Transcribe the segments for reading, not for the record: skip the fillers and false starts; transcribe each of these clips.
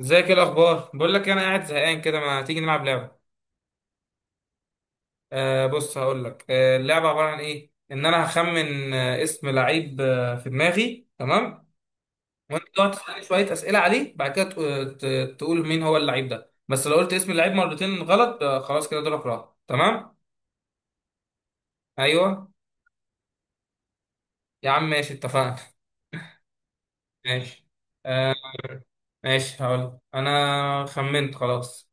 ازيك؟ ايه الاخبار؟ بقول لك انا قاعد زهقان كده، ما تيجي نلعب لعبه؟ بص هقول لك. اللعبه عباره عن ايه؟ ان انا هخمن اسم لعيب في دماغي، تمام؟ وانت تقعد تسالني شويه اسئله عليه، بعد كده تقول مين هو اللعيب ده. بس لو قلت اسم اللعيب مرتين غلط خلاص كده دورك راح، تمام؟ ايوه. يا عم ماشي، اتفقنا. ماشي. آه ماشي، هقول لك. انا خمنت خلاص.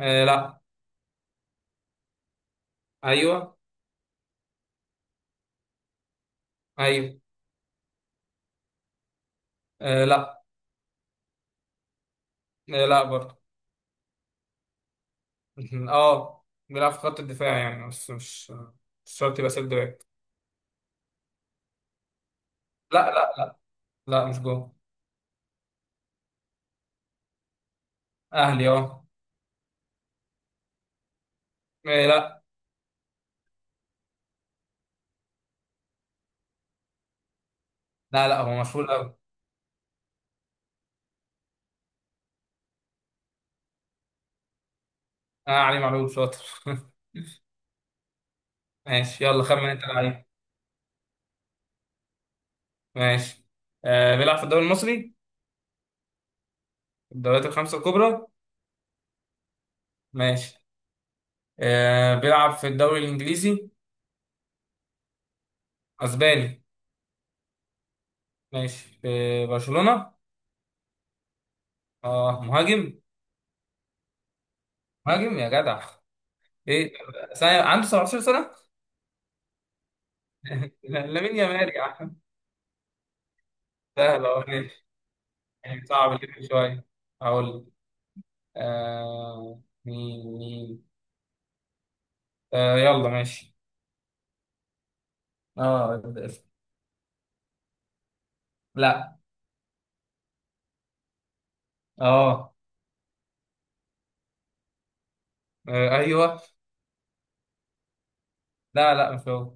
آه لا. ايوه. ايوه. آه لا. آه لا برضه. اه بيلعب في خط الدفاع يعني، بس مش شرط يبقى سيلد باك. لا. لا مش جوه. اهلي، اه. إيه لا. لا لا هو مشهور قوي. اه علي معلول شاطر. ماشي، يلا خمن انت لعيب. ماشي. بيلعب في الدوري المصري؟ الدوريات الخمسة الكبرى؟ ماشي. بيلعب في الدوري الانجليزي؟ اسباني؟ ماشي، في برشلونة. اه مهاجم. مهاجم يا جدع. ايه سنة عنده؟ 17 سنة. لامين يامال يا عم. سهل اهو. يعني صعب الاسم شوية. هقول لك. مين مين؟ يلا ماشي. اه الاسم. لا. اه. آه، ايوه. لا لا مش هو.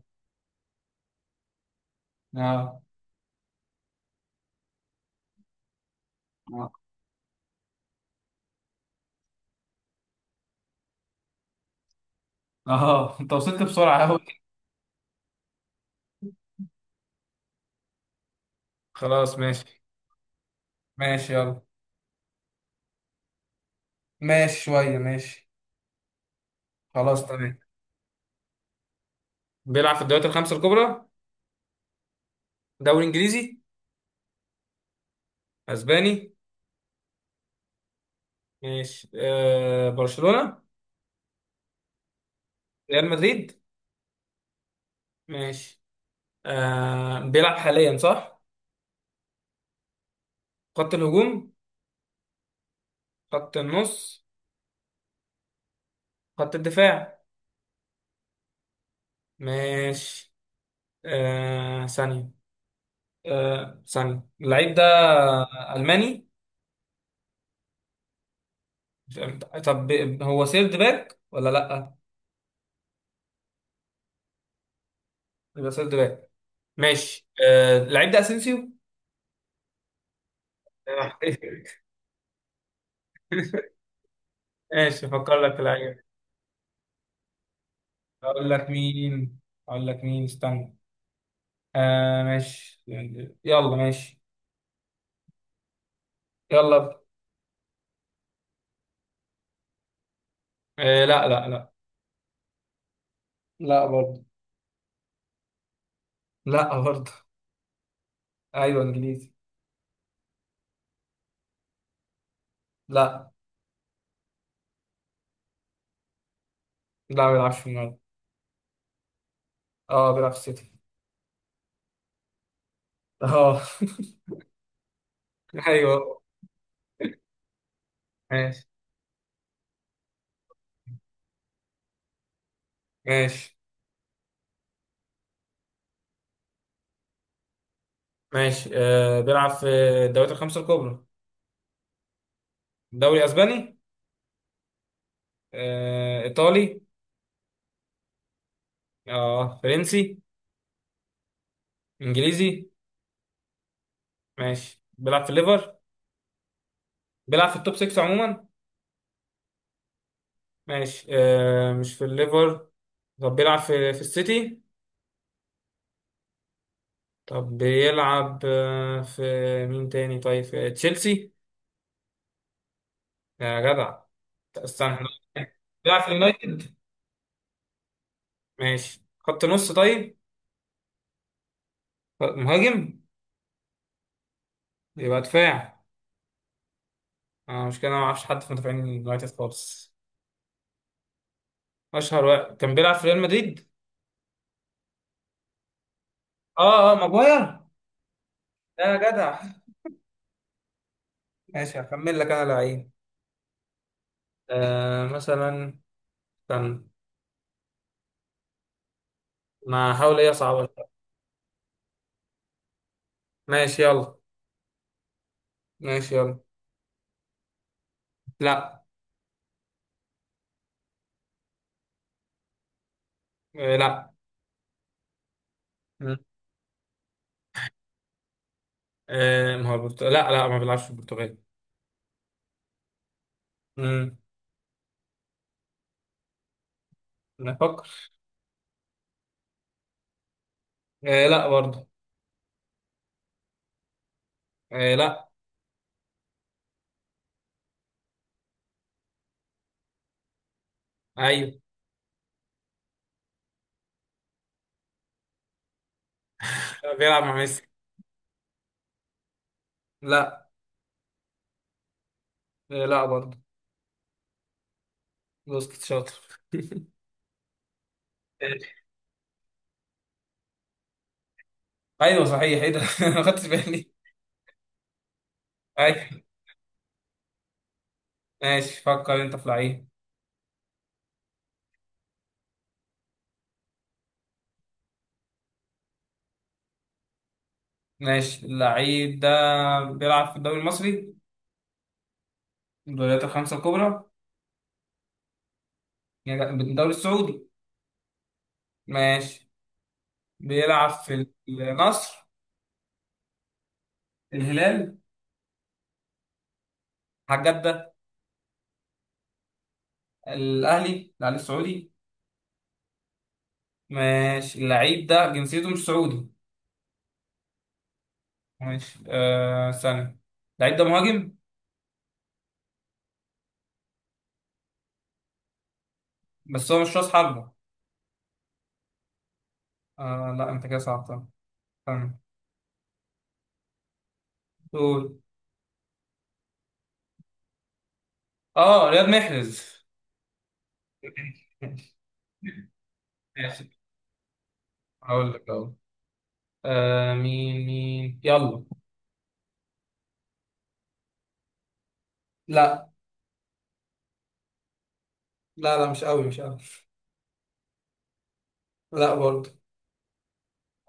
اه. آه. اه انت وصلت بسرعة قوي. خلاص ماشي. ماشي يلا. ماشي شوية ماشي. خلاص تمام. بيلعب في الدوريات الخمسة الكبرى؟ دوري انجليزي؟ اسباني؟ ماشي، برشلونة. ريال مدريد. ماشي. بيلعب حاليا، صح؟ خط الهجوم؟ خط النص؟ خط الدفاع؟ ماشي. ثانية. ثانية اللعيب ده. ألماني؟ طب، هو سيرد باك ولا لأ؟ يبقى سيرد باك. ماشي. اللعيب ده أسينسيو. آه. ماشي أفكر لك في لعيب. أقول لك مين. أقول لك مين، استنى. ماشي. يلا ماشي. يلا. آه لا لا لا. لا برضه. لا برضه. أيوه إنجليزي. لا. لا ما بيلعبش في النادي. اه بيلعب في السيتي. اه. ايوه. ماشي. ماشي. ماشي. بيلعب في الدوريات الخمسة الكبرى؟ دوري اسباني؟ ايطالي؟ اه فرنسي؟ انجليزي؟ ماشي، بيلعب في الليفر؟ بيلعب في التوب 6 عموما؟ ماشي. مش في الليفر. طب بيلعب في السيتي؟ طب بيلعب في، مين تاني طيب؟ في تشيلسي؟ يا جدع. استنى. بيلعب في اليونايتد؟ ماشي، خط نص طيب؟ مهاجم؟ يبقى دفاع. مش كده انا ما اعرفش حد في مدافعين اليونايتد خالص. اشهر واحد. كان بيلعب في ريال مدريد. اه اه ماجواير. لا يا جدع. ماشي هكمل لك انا لعيب. مثلا كان، ما هحاول ايه اصعب. ماشي يلا. ماشي يلا. لا. لا. مم. ما هو البرتغال، لا ما بيلعبش في البرتغال. امم نفكر. آه لا برضه. آه لا. ايوه بيلعب مع ميسي. لا. آه لا برضه. بوسكيت شاطر. ايوه صحيح، ايه ده؟ ما خدتش بالي. ايوه. ماشي فكر انت في لعيب. ماشي، اللعيب ده بيلعب في الدوري المصري؟ الدوريات الخمسة الكبرى؟ يعني الدوري السعودي. ماشي، بيلعب في النصر؟ الهلال؟ حاج جدة؟ الأهلي؟ الأهلي السعودي. ماشي، اللعيب ده جنسيته مش سعودي. ماشي. ثانية. اللعيب ده مهاجم؟ بس هو مش راس حربة. لا انت كده صعبتها. ثانية. قول. اه رياض محرز. ماشي هقول لك اهو. مين مين؟ يلا. لا. لا لا مش قوي، مش قوي. لا برضه.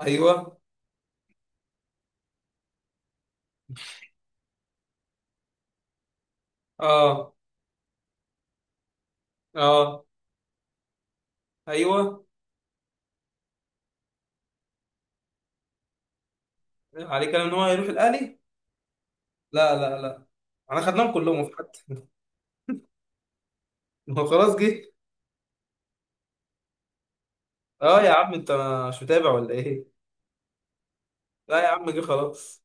ايوه. اه. اه. ايوه. عليه كلام ان هو هيروح الاهلي؟ لا. انا خدناهم كلهم في حد. ما هو خلاص جه. اه يا عم انت مش متابع ولا ايه؟ لا يا عم جه خلاص.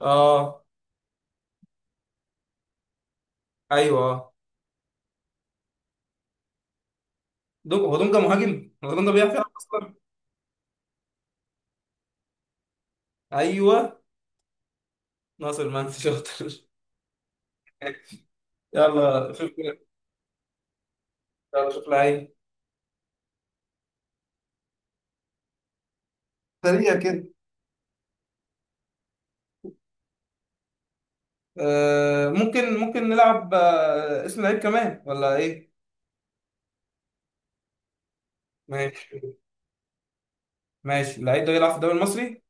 اه. ايوه اه. دونجا؟ هو دونجا مهاجم؟ هو دونجا بيعرف يلعب اصلا؟ ايوه. ناصر منسي شاطر. يلا شوف. يلا شوف لعيب. سريع كده. آه، ممكن ممكن نلعب آه، اسم لعيب كمان ولا ايه؟ ماشي. ماشي، اللعيب ده بيلعب في الدوري المصري؟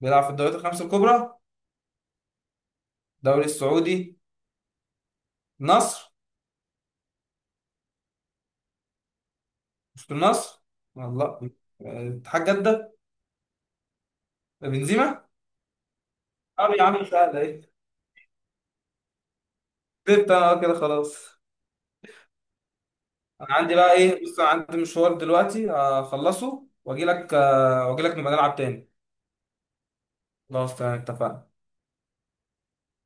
بيلعب في الدوريات الخمسة الكبرى؟ الدوري السعودي؟ النصر؟ مش في النصر؟ والله. آه، اتحاد جدة. بنزيما. اه يا عم سهلة ايه؟ كسبت انا، كده خلاص. انا عندي بقى ايه، بص، أنا عندي مشوار دلوقتي اخلصه واجي لك، واجي لك نبقى نلعب تاني. خلاص تمام اتفقنا.